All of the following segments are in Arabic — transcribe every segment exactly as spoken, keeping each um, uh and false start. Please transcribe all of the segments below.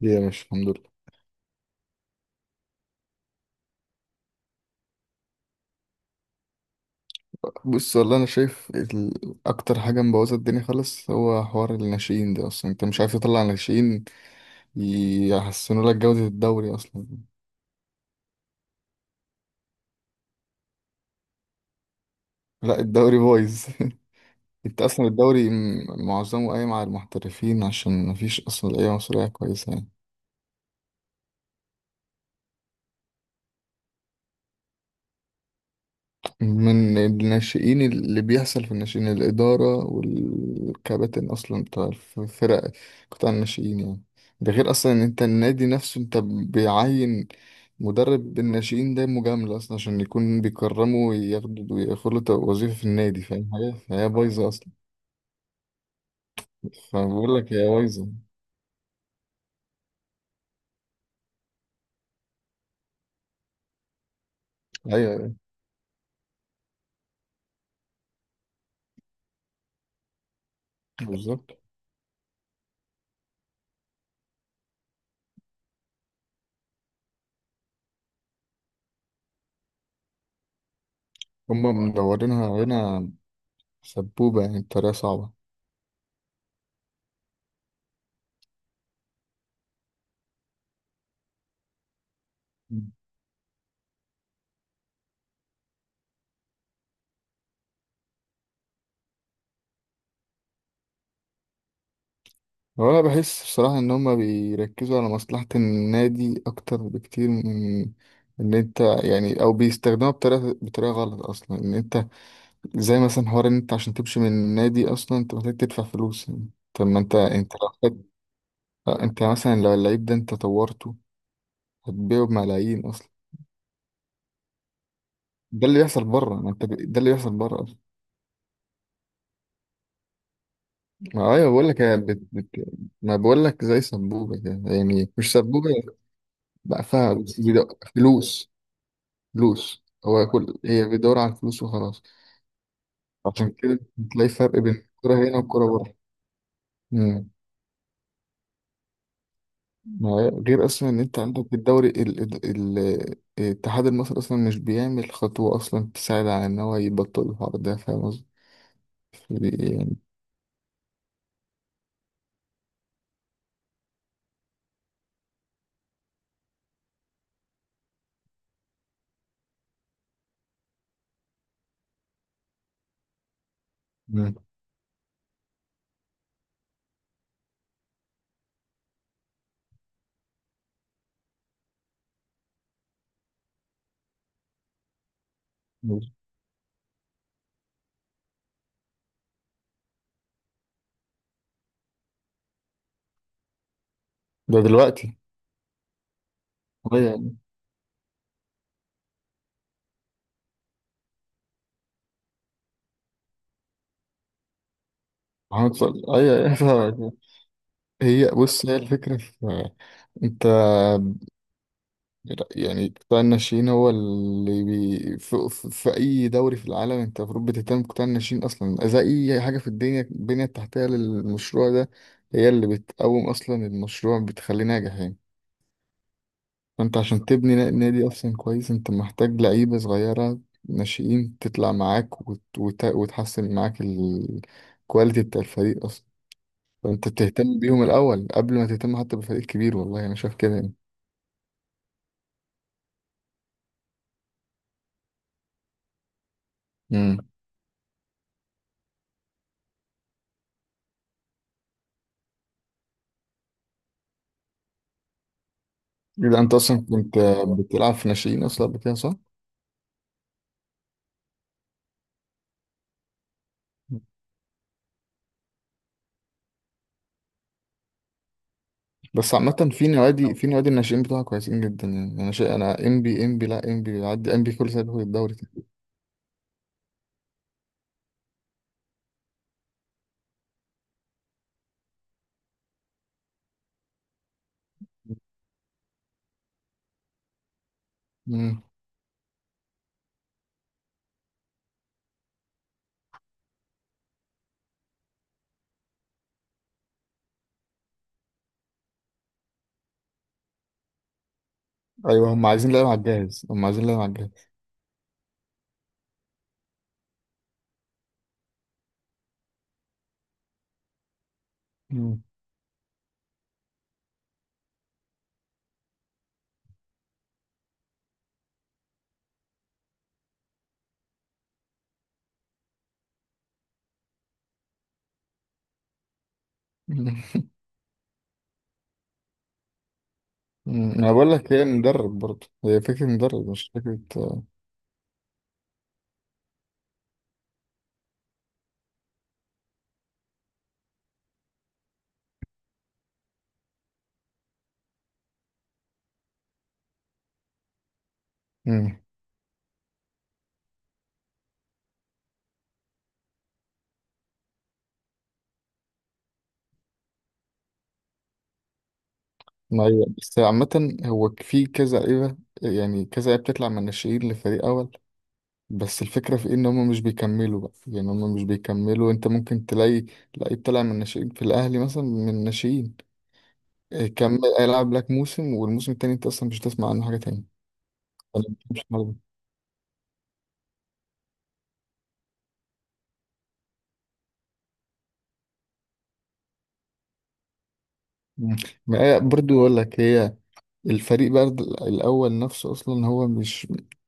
ليه يا مش، الحمد لله. بص والله انا شايف ال... اكتر حاجه مبوظه الدنيا خالص هو حوار الناشئين ده، اصلا انت مش عارف تطلع ناشئين يحسنوا لك جوده الدوري اصلا. لا، الدوري بايظ انت اصلا الدوري م- معظمه قايم على المحترفين عشان مفيش اصلا لعيبه مصريه كويسه يعني. من الناشئين، اللي بيحصل في الناشئين الإدارة والكباتن أصلا بتاع الفرق، قطاع الناشئين يعني. ده غير أصلا إن أنت النادي نفسه، أنت بيعين مدرب الناشئين ده مجاملة أصلا عشان يكون بيكرمه وياخده وياخد له وظيفة في النادي، فاهم حاجة؟ فهي بايظة أصلا. فبقول لك هي بايظة. أيوه، أيوه، بالظبط، هما مدورينها هنا سبوبة يعني بطريقة صعبة. هو انا بحس بصراحة ان هما بيركزوا على مصلحة النادي اكتر بكتير من ان انت يعني، او بيستخدموها بطريقة بطريقة غلط اصلا ان انت، زي مثلا حوار ان انت عشان تمشي من النادي اصلا انت محتاج تدفع فلوس يعني. طب ما انت انت لو خد- آه، انت مثلا لو اللعيب ده انت طورته هتبيعه بملايين اصلا. ده اللي بيحصل بره، ما انت ب- ده اللي بيحصل بره اصلا. ما ايوه بقول لك هي بت... بت... ما بقول لك زي سبوبة كده. يعني مش سبوبة بقى فيها بس دي ده- فلوس فلوس هو كل هي بيدور على الفلوس وخلاص. صح، عشان كده بتلاقي فرق بين الكرة هنا والكرة بره. أمم. ما هي- غير أصلا إن أنت عندك الدوري ال... ال... ال- الاتحاد المصري أصلا مش بيعمل خطوة أصلا تساعد على إن هو يبطل الحوار ده، فاهم قصدي؟ دي- يعني، أمم. ده دلوقتي. أيوة يعني. محمد صلاح، أيوة، أيوة فاهمك. هي بص هي الفكرة في أنت، لا، يعني قطاع الناشئين هو اللي بي في, في, في أي دوري في العالم أنت المفروض بتهتم بقطاع الناشئين أصلا زي أي حاجة في الدنيا، البنية التحتية للمشروع ده هي اللي بتقوم، أصلا المشروع بتخليه ناجح يعني. فأنت عشان تبني نا- نادي أصلا كويس أنت محتاج لعيبة صغيرة ناشئين تطلع معاك وت... وت... وتحسن معاك الكواليتي بتاع الفريق أصلا. فأنت بتهتم بيهم الأول قبل ما تهتم حتى بفريق كبير. والله أنا شايف كده يعني. يبقى انت اصلا كنت بتلعب في ناشئين اصلا قبل كده، صح؟ بس عامة في نوادي، في نوادي الناشئين بتوعها كويسين جدا يعني. انا شيء انا ام بي، ام بي، لا، ام بي، بيعدي ام بي كل سنة بياخد الدوري تاني. مم. ايوه، هم عايزين لعيبة على الجاهز، هم عايزين لعيبة على الجاهز. مم. مم. مم. انا بقول لك هي مدرب برضه، هي فكرة مدرب مش فكرة آه، مم. ما هي بس عامة هو في كذا لعيبة، يعني كذا لعيبة بتطلع من الناشئين لفريق اول، بس الفكرة في إيه إن هما مش بيكملوا بقى. يعني هما مش بيكملوا. أنت ممكن تلاقي لعيب طلع من الناشئين في الأهلي مثلا من الناشئين، إيه، كمل هيلعب لك موسم والموسم التاني أنت أصلا مش هتسمع عنه حاجة تاني. أنا مش عارف. مم. ما هي برضو أقول لك هي، الفريق بقى الأول نفسه أصلا هو مش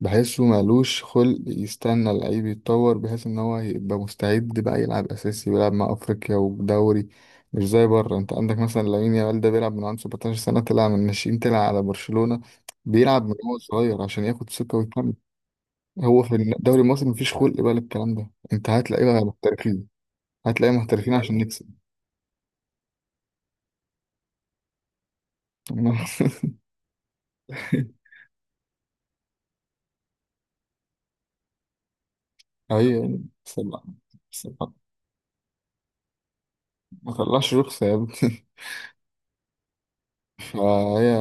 بحسه مالوش خلق يستنى اللعيب يتطور بحيث إن هو يبقى مستعد بقى يلعب أساسي ويلعب مع أفريقيا ودوري. مش زي بره، أنت عندك مثلا لامين يامال ده بيلعب من عنده سبعة عشر سنة، طلع من الناشئين، طلع على برشلونة، بيلعب من هو صغير عشان ياخد ثقة ويكمل. هو في الدوري المصري مفيش خلق بقى للكلام ده، أنت هتلاقي بقى محترفين، هتلاقي محترفين عشان نكسب أيوة يعني. بس ما بس ما- ما طلعش رخصة يا ابني. فهي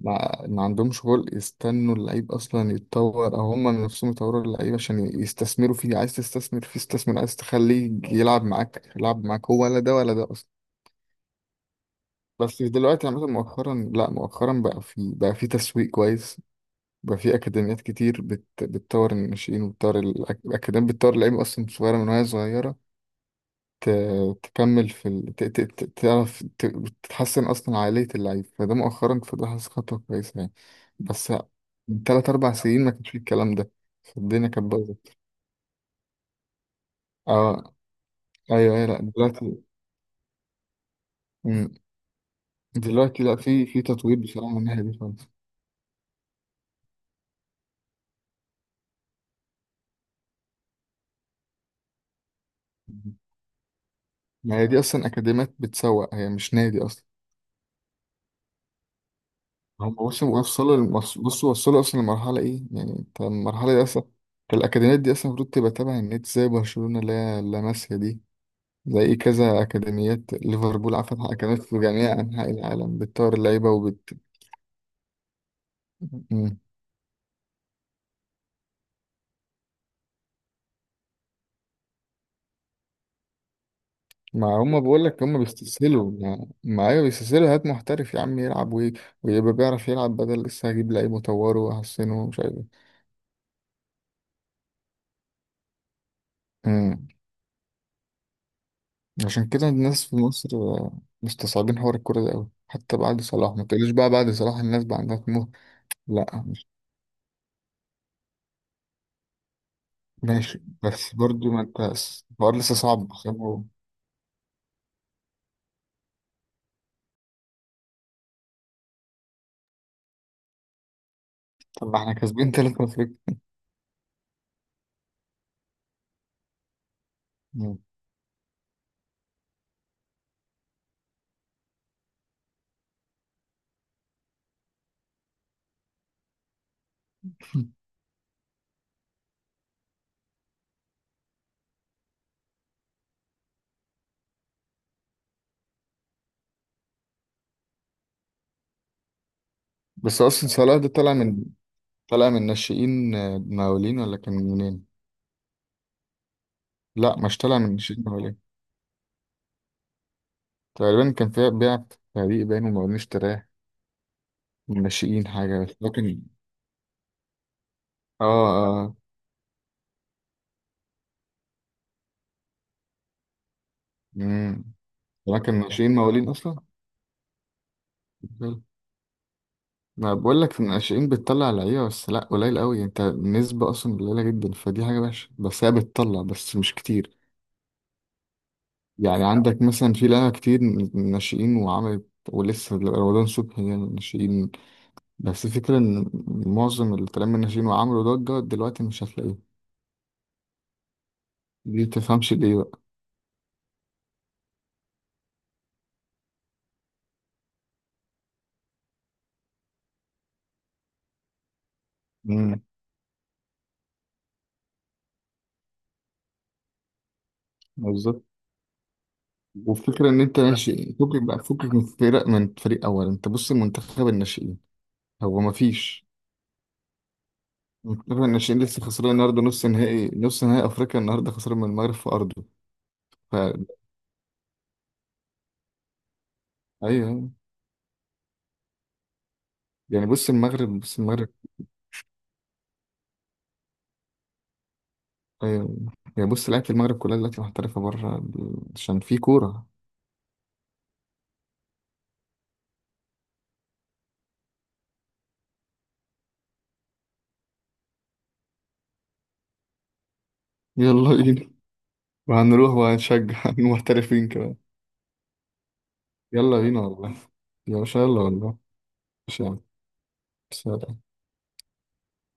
ما, ما عندهمش خلق يستنوا اللعيب اصلا يتطور، او هم نفسهم يطوروا اللعيب عشان يستثمروا فيه. عايز تستثمر فيه استثمر، عايز تخليه يلعب معاك يلعب معاك، هو ولا ده ولا ده اصلا. بس دلوقتي عامة مؤخرا، لا، مؤخرا بقى في بقى في تسويق كويس. بقى في اكاديميات كتير بت بتطور الناشئين وبتطور الأك- الاكاديميات بتطور اللعيبه اصلا صغيره من وهي صغيره ت- تكمل في ال... ت... ت... ت- تعرف ت... تتحسن أصلا عقلية اللعيب. فده مؤخرا، فده حاسس خطوة كويسة يعني. بس من تلات أربع سنين ما كانش فيه الكلام ده، فالدنيا كانت بايظة. اه، أيوه، أيوه، لأ دلوقتي. مم. دلوقتي لأ، في في تطوير بصراحة من الناحية دي خالص. مم. ما هي دي أصلا أكاديميات بتسوق، هي مش نادي أصلا. هم وصلوا وصلوا المص- بصوا وصلوا أصلا لمرحلة إيه يعني، أنت المرحلة دي أصلا الأكاديميات دي أصلا المفروض تبقى تابعة النادي، زي برشلونة اللي هي لاماسيا دي، زي كذا أكاديميات ليفربول فتح أكاديميات في جميع أنحاء العالم بتطور اللعيبة وبت. مم. ما هما بقول لك هما بيستسهلوا، ما ما أيوة بيستسهلوا هات محترف يا عم يلعب وي- ويبقى بيعرف يلعب بدل لسه هجيب لعيب وأطوره وأحسنه ومش عارف إيه. مم. عشان كده الناس في مصر آه، مستصعبين حوار الكورة ده أوي. حتى بعد صلاح ما تقوليش بقى بعد صلاح الناس بقى عندها طموح. لا، مش ماشي، بس برضو ما أنت الحوار لسه صعب عشان هو- طب ما إحنا كاسبين تلات أفريقيا. مم. بس اصلا صلاح ده طالع من، طالع من ناشئين آه، مقاولين، ولا كان منين؟ لا، مش طالع من ناشئين مقاولين، تقريبا كان فيها بيع في فريق باين ومقاولين اشتراه من ناشئين حاجه بس، لكن. اه، اه، امم. لكن ناشئين مقاولين اصلا. حلو. ما بقول لك الناشئين بتطلع لعيبه بس لا، قليل قوي، انت النسبه اصلا قليله جدا، فدي حاجه وحشه، بس هي بتطلع بس مش كتير. يعني عندك مثلا في لعيبه كتير من الناشئين وعملت ولسه رمضان صبحي يعني ناشئين. بس الفكرة إن معظم اللي طالع من ناشئين وعملوا ضجة دلوقتي مش هتلاقيه، دي متفهمش ليه بقى. امم. بالظبط. والفكرة إن أنت ناشئ فكك بقى فكك من فرق، من فريق أول. أنت بص المنتخب الناشئين هو مفيش، المنتخب الناشئين لسه خسران النهاردة نص نهائي، نص نهائي أفريقيا النهاردة خسران من المغرب في أرضه. فا أيوه، يعني بص المغرب، بص المغرب. أيوه، يعني بص لعيبة المغرب كلها دلوقتي محترفة بره عشان في كورة. يلا بينا. وهنروح وهنشجع المحترفين كمان. يلا بينا والله، يا باشا يلا والله. ماشي يا عم، سلام.